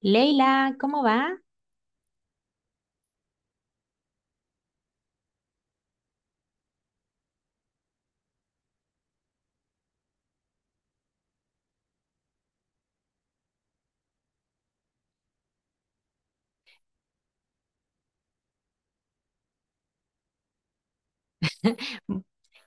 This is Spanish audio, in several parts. Leila, ¿cómo va?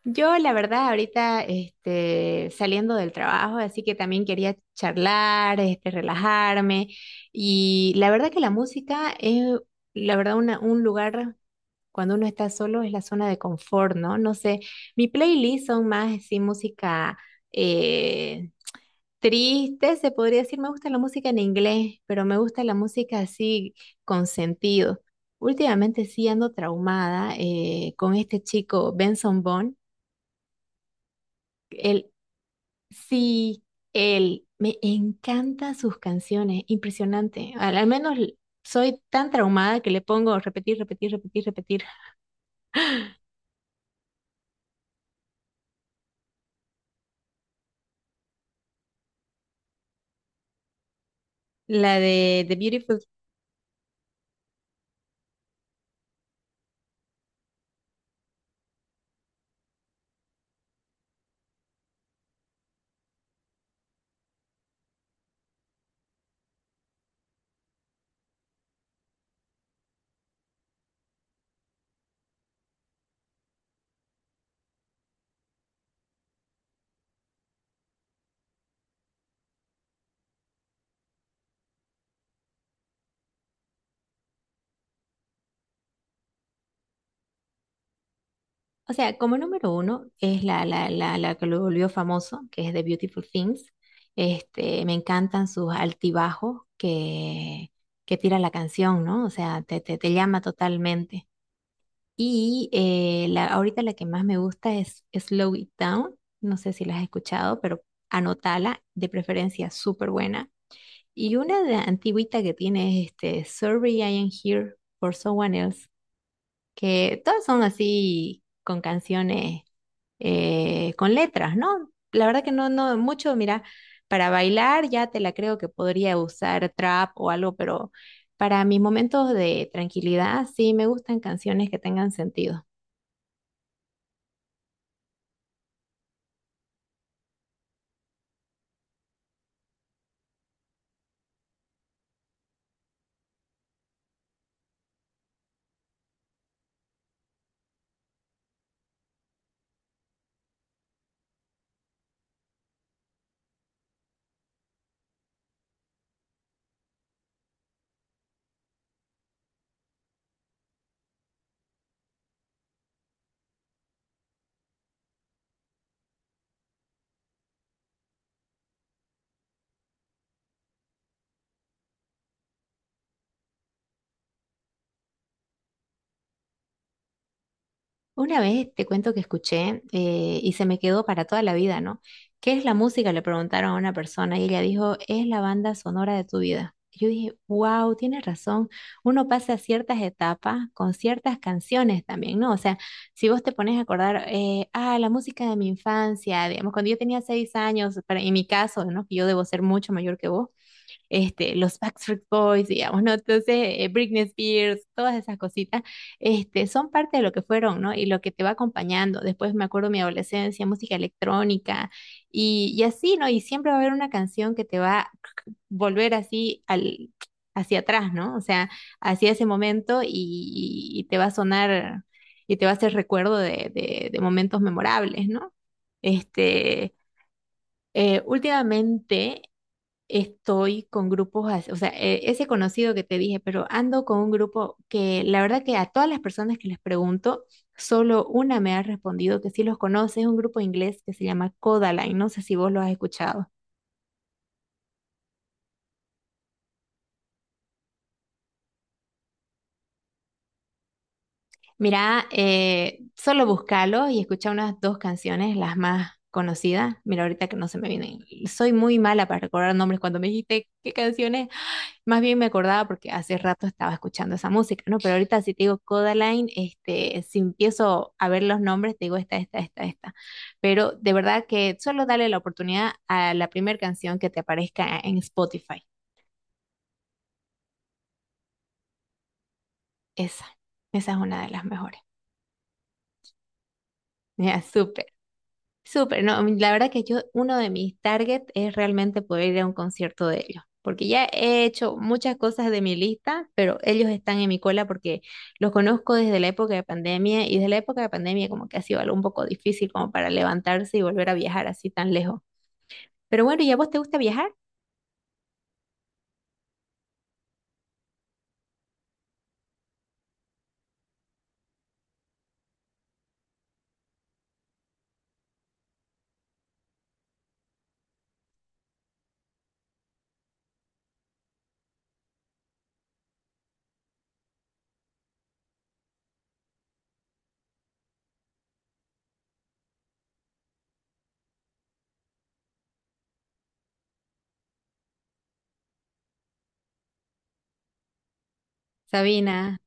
Yo, la verdad, ahorita saliendo del trabajo, así que también quería charlar, relajarme. Y la verdad que la música es, la verdad, un lugar cuando uno está solo es la zona de confort, ¿no? No sé, mi playlist son más así música eh, triste, se podría decir. Me gusta la música en inglés, pero me gusta la música así con sentido. Últimamente sí ando traumada, con este chico Benson Boone. Él, sí, él, me encantan sus canciones, impresionante. Al menos soy tan traumada que le pongo repetir, repetir, repetir, repetir. La de The Beautiful. O sea, como número uno es la que lo volvió famoso, que es The Beautiful Things. Me encantan sus altibajos, que tira la canción, ¿no? O sea, te llama totalmente. Y ahorita la que más me gusta es Slow It Down. No sé si la has escuchado, pero anótala, de preferencia, súper buena. Y una de antigüita que tiene es Sorry I Am Here for Someone Else, que todas son así con canciones con letras, ¿no? La verdad que no, no mucho, mira, para bailar ya te la creo que podría usar trap o algo, pero para mis momentos de tranquilidad sí me gustan canciones que tengan sentido. Una vez te cuento que escuché, y se me quedó para toda la vida, ¿no? ¿Qué es la música? Le preguntaron a una persona y ella dijo, es la banda sonora de tu vida. Yo dije, wow, tienes razón. Uno pasa ciertas etapas con ciertas canciones también, ¿no? O sea, si vos te pones a acordar, la música de mi infancia, digamos, cuando yo tenía seis años, para, en mi caso, ¿no? Que yo debo ser mucho mayor que vos. Los Backstreet Boys, digamos, ¿no? Entonces, Britney Spears, todas esas cositas. Son parte de lo que fueron, ¿no? Y lo que te va acompañando. Después me acuerdo mi adolescencia, música electrónica y así, ¿no? Y siempre va a haber una canción que te va a volver así hacia atrás, ¿no? O sea, hacia ese momento y te va a sonar y te va a hacer recuerdo de momentos memorables, ¿no? Este, últimamente estoy con grupos, o sea, ese conocido que te dije, pero ando con un grupo que, la verdad, que a todas las personas que les pregunto, solo una me ha respondido que sí los conoce. Es un grupo inglés que se llama Codaline, no sé si vos lo has escuchado. Mira, solo búscalo y escucha unas dos canciones, las más conocidas. Mira, ahorita que no se me vienen, soy muy mala para recordar nombres cuando me dijiste qué canciones. Más bien me acordaba porque hace rato estaba escuchando esa música, ¿no? Pero ahorita si te digo Codaline, si empiezo a ver los nombres, te digo esta, esta, esta, esta. Pero de verdad que solo dale la oportunidad a la primera canción que te aparezca en Spotify. Esa, esa es una de las mejores. Ya, súper. Súper, no, la verdad que yo, uno de mis targets es realmente poder ir a un concierto de ellos, porque ya he hecho muchas cosas de mi lista, pero ellos están en mi cola porque los conozco desde la época de pandemia, y desde la época de pandemia como que ha sido algo un poco difícil como para levantarse y volver a viajar así tan lejos. Pero bueno, ¿y a vos te gusta viajar? Sabina,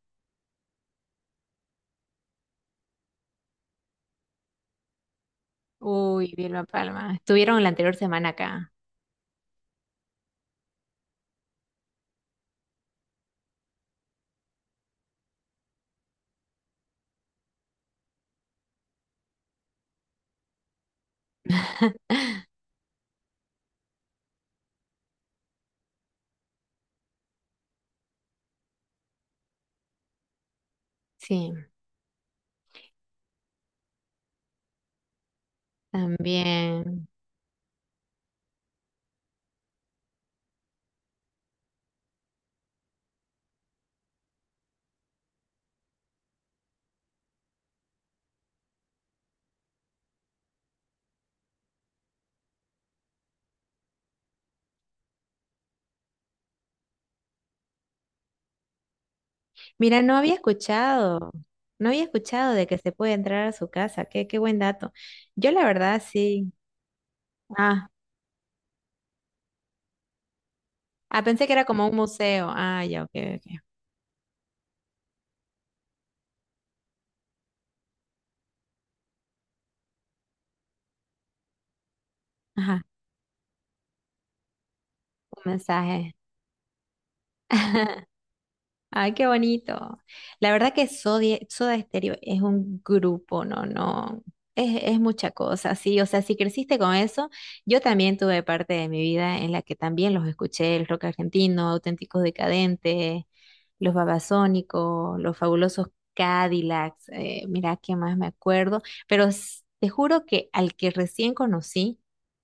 uy, Vilma Palma, estuvieron la anterior semana acá. Sí, también. Mira, no había escuchado, no había escuchado de que se puede entrar a su casa. Qué, qué buen dato. Yo la verdad sí. Ah, ah, pensé que era como un museo. Ah, ya, ok, ok. Ajá, un mensaje. Ay, qué bonito. La verdad que Soda Stereo es un grupo, no, no, es mucha cosa, sí. O sea, si creciste con eso, yo también tuve parte de mi vida en la que también los escuché, el rock argentino, Auténticos Decadentes, los Babasónicos, los Fabulosos Cadillacs, mira qué más me acuerdo. Pero te juro que al que recién conocí,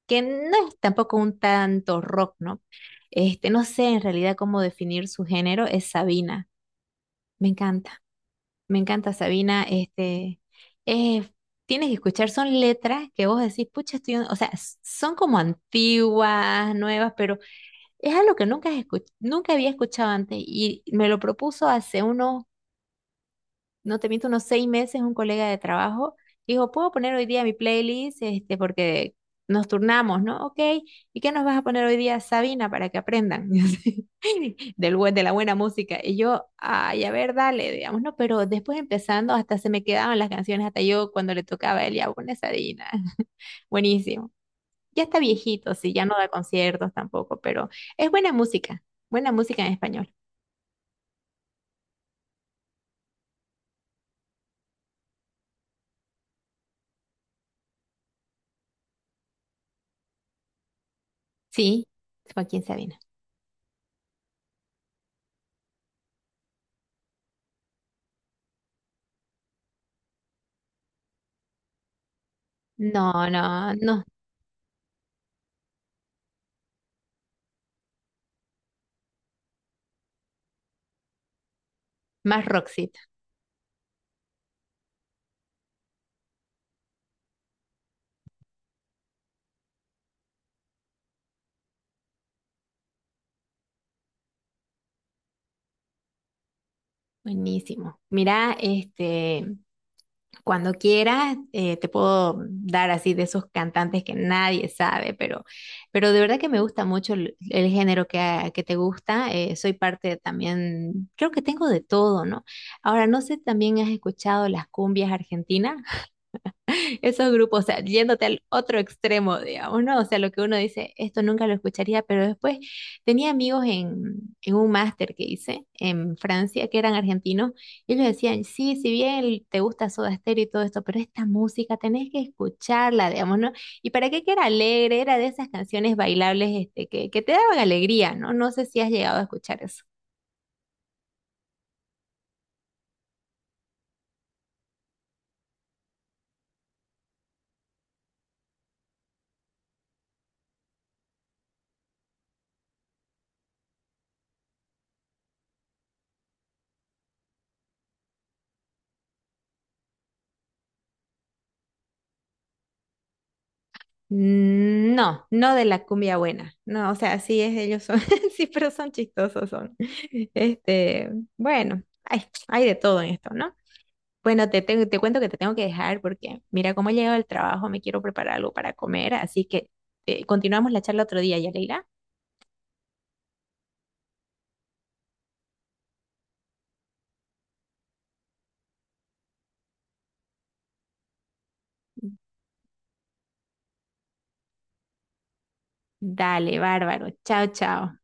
que no es tampoco un tanto rock, ¿no? No sé en realidad cómo definir su género, es Sabina. Me encanta, me encanta Sabina. Eh, tienes que escuchar, son letras que vos decís, pucha, estoy, o sea, son como antiguas, nuevas, pero es algo que nunca, nunca había escuchado antes, y me lo propuso hace unos, no te miento, unos seis meses, un colega de trabajo. Dijo, ¿puedo poner hoy día mi playlist? Porque nos turnamos, ¿no? Ok, ¿y qué nos vas a poner hoy día, Sabina, para que aprendan y así, de la buena música? Y yo, ay, a ver, dale, digamos, ¿no? Pero después empezando, hasta se me quedaban las canciones, hasta yo cuando le tocaba a él, ya pon esa Dina. Buenísimo. Ya está viejito, sí, ya no da conciertos tampoco, pero es buena música en español. Sí, Joaquín Sabina. No, no, no. Más Roxit, buenísimo. Mira, cuando quieras, te puedo dar así de esos cantantes que nadie sabe, pero de verdad que me gusta mucho el género que te gusta. Eh, soy parte también, creo que tengo de todo, ¿no? Ahora, no sé, ¿también has escuchado las cumbias argentinas? Esos grupos, o sea, yéndote al otro extremo, digamos, ¿no? O sea, lo que uno dice, esto nunca lo escucharía, pero después tenía amigos en un máster que hice en Francia, que eran argentinos, y ellos decían, sí, si bien te gusta Soda Stereo y todo esto, pero esta música tenés que escucharla, digamos, ¿no? ¿Y para qué que era alegre? Era de esas canciones bailables, que te daban alegría, ¿no? No sé si has llegado a escuchar eso. Mm, no, no de la cumbia buena. No, o sea, sí es, ellos son, sí, pero son chistosos, son. Este, bueno, hay, hay de todo en esto, ¿no? Bueno, te cuento que te tengo que dejar porque mira cómo he llegado del trabajo, me quiero preparar algo para comer, así que, continuamos la charla otro día, Yareira. Dale, bárbaro. Chao, chao.